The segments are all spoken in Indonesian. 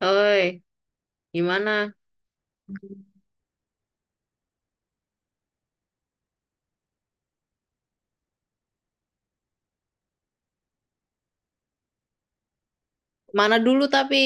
Oi, gimana? Mana dulu tapi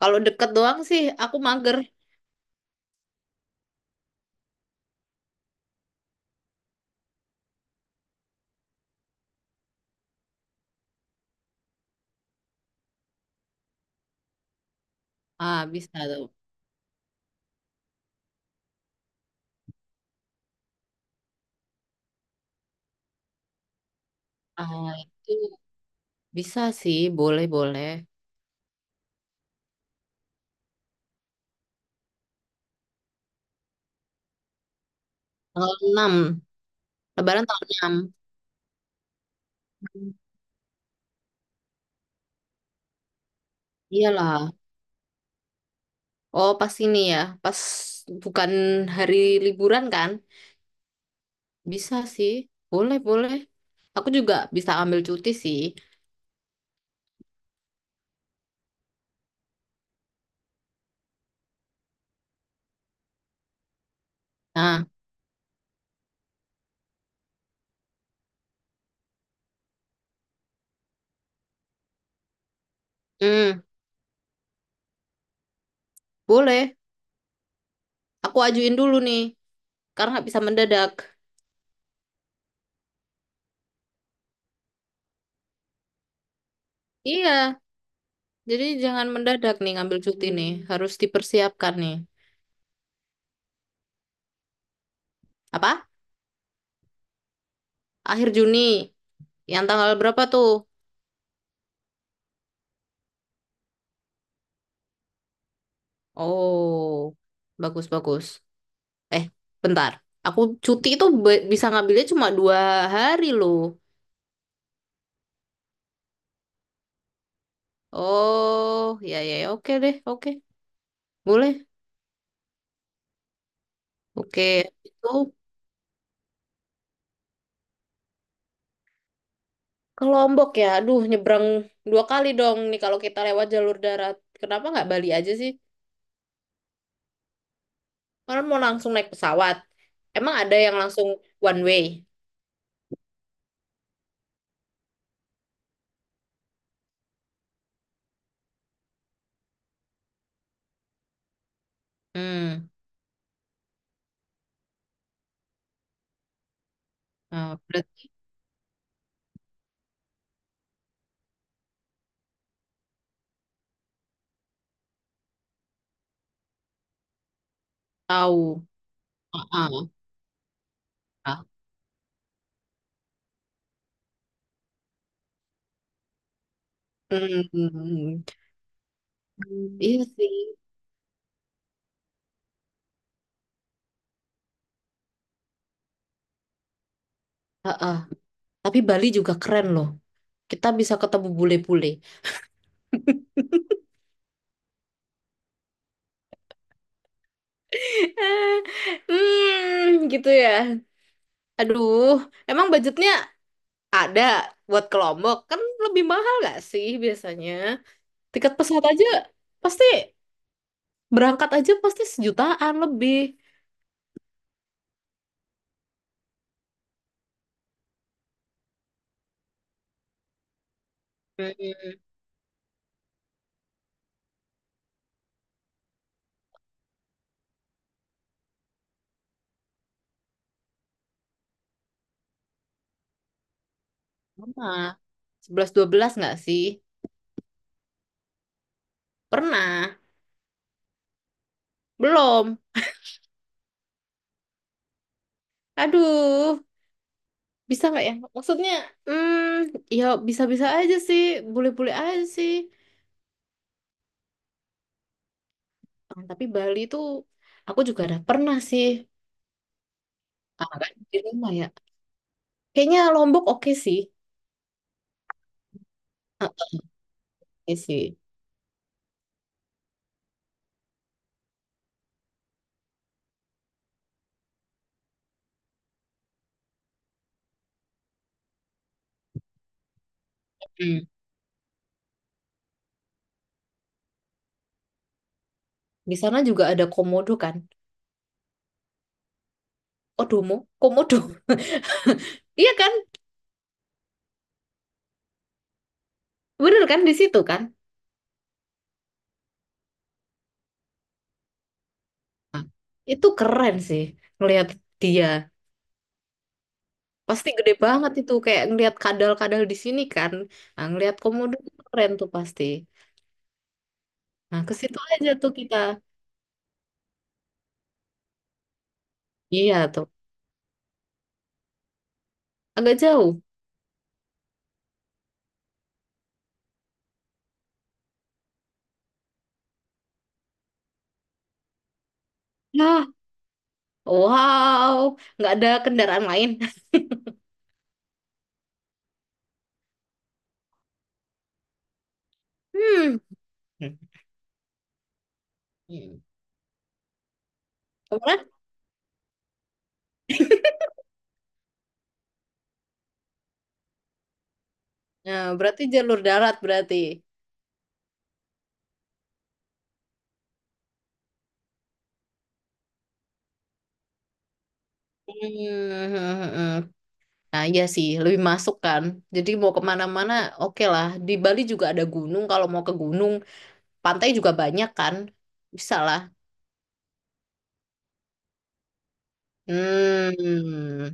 kalau deket doang sih aku mager. Ah, bisa tuh. Ah, itu bisa sih, boleh-boleh. Tanggal enam, Lebaran tanggal 6. Iyalah. Oh, pas ini ya. Pas bukan hari liburan kan? Bisa sih. Boleh-boleh. Aku juga bisa ambil cuti sih. Nah, hmm, boleh. Aku ajuin dulu nih, karena nggak bisa mendadak. Iya. Jadi jangan mendadak nih ngambil cuti nih, harus dipersiapkan nih. Apa? Akhir Juni. Yang tanggal berapa tuh? Oh, bagus bagus. Eh, bentar. Aku cuti itu bisa ngambilnya cuma dua hari loh. Oh, ya ya, ya. Oke deh, oke, boleh, oke. Itu ke Lombok ya. Aduh, nyebrang dua kali dong nih kalau kita lewat jalur darat. Kenapa nggak Bali aja sih? Orang mau langsung naik pesawat. Emang ada yang langsung one way? Hmm, ah berarti tahu. Heeh. Ah, hmm. Iya sih. Ah ah. Tapi Bali juga keren loh. Kita bisa ketemu bule-bule. Hmm, gitu ya. Aduh, emang budgetnya ada buat ke Lombok? Kan lebih mahal gak sih biasanya? Tiket pesawat aja pasti berangkat aja pasti sejutaan lebih. Hmm, pernah. Sebelas dua belas nggak sih? Pernah. Belum. Aduh. Bisa nggak ya? Maksudnya, hmm, ya bisa-bisa aja sih, boleh-boleh aja sih. Ah, tapi Bali tuh, aku juga ada pernah sih. Ah, kan di rumah ya. Kayaknya Lombok oke sih. Ah, oke sih. Hmm. Di sana juga ada komodo kan? Odomo, komodo. Iya kan? Bener kan di situ kan? Itu keren sih ngelihat dia. Pasti gede banget itu kayak ngelihat kadal-kadal di sini kan. Nah, ngelihat komodo keren tuh pasti. Nah, ke situ aja tuh kita. Iya tuh, agak jauh. Nah, wow, nggak ada kendaraan lain. Hmm. Hmm. Kemana? Nah, berarti jalur darat berarti. Hmm. Nah, iya sih, lebih masuk kan. Jadi mau kemana-mana, oke lah. Di Bali juga ada gunung, kalau mau ke gunung, pantai juga banyak kan. Bisa lah. Hmm.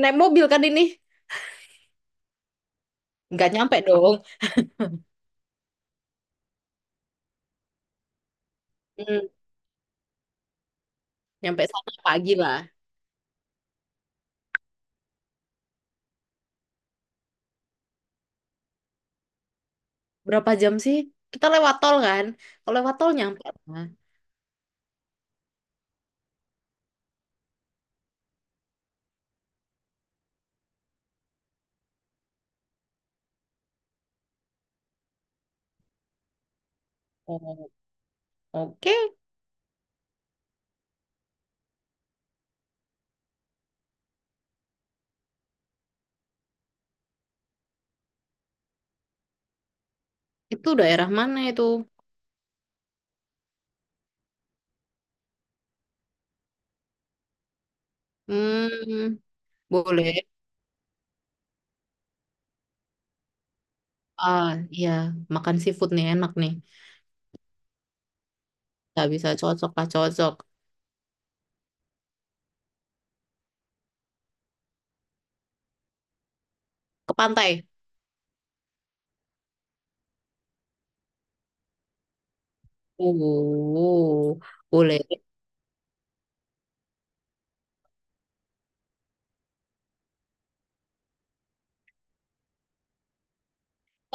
Naik mobil kan ini? Nggak nyampe dong. Hmm. Nyampe sana pagi lah. Berapa jam sih? Kita lewat tol kan? Kalau lewat tol nyampe. Lah. Oh, oke. Itu daerah mana itu? Hmm, boleh. Ah, iya, makan seafood nih enak nih. Nggak bisa cocok lah, cocok. Ke pantai. Oh, boleh.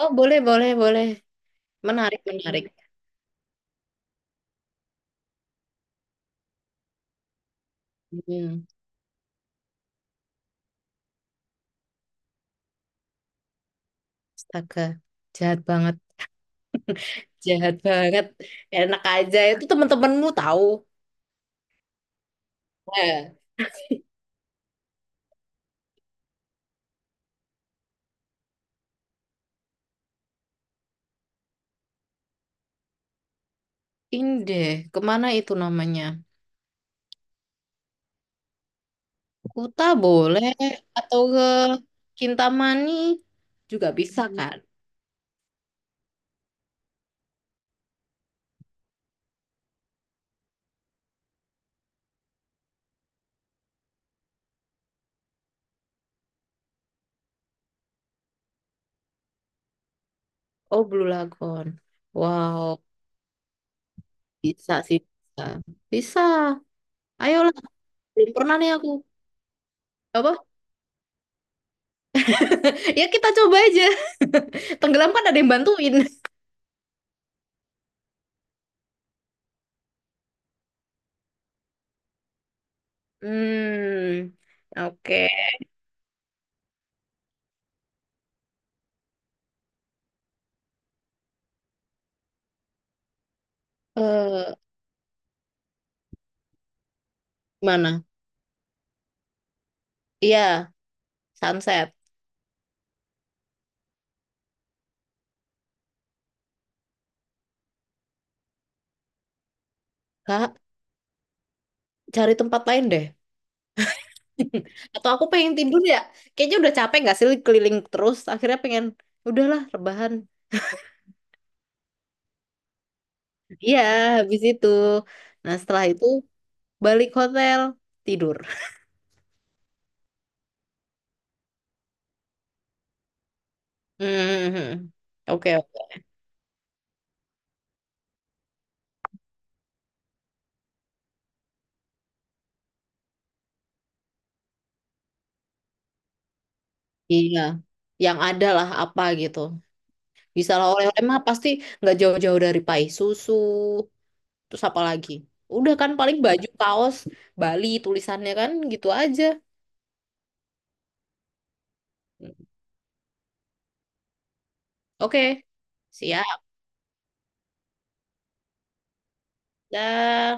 Oh, boleh, boleh, boleh. Menarik, menarik. Hmm, astaga, jahat banget, jahat banget. Enak aja, itu teman-temanmu tahu. Nah, ini deh, kemana itu namanya? Kuta boleh, atau ke Kintamani juga bisa kan? Oh, Blue Lagoon. Wow, bisa sih. Bisa. Bisa. Ayolah. Belum pernah nih aku. Apa? Ya kita coba aja. Tenggelam kan ada yang bantuin. Hmm. Oke. Eh, mana? Iya, sunset. Kak, cari tempat lain deh. Atau aku pengen tidur ya. Kayaknya udah capek gak sih keliling terus. Akhirnya pengen, udahlah rebahan. Iya, habis itu. Nah, setelah itu balik hotel, tidur. Hmm, hmm, hmm. Oke, oke. Iya. Yang ada lah apa gitu. Bisa lah oleh-oleh mah pasti nggak jauh-jauh dari pai susu. Terus apa lagi? Udah kan paling baju kaos Bali tulisannya kan gitu aja. Oke. Siap. Dah.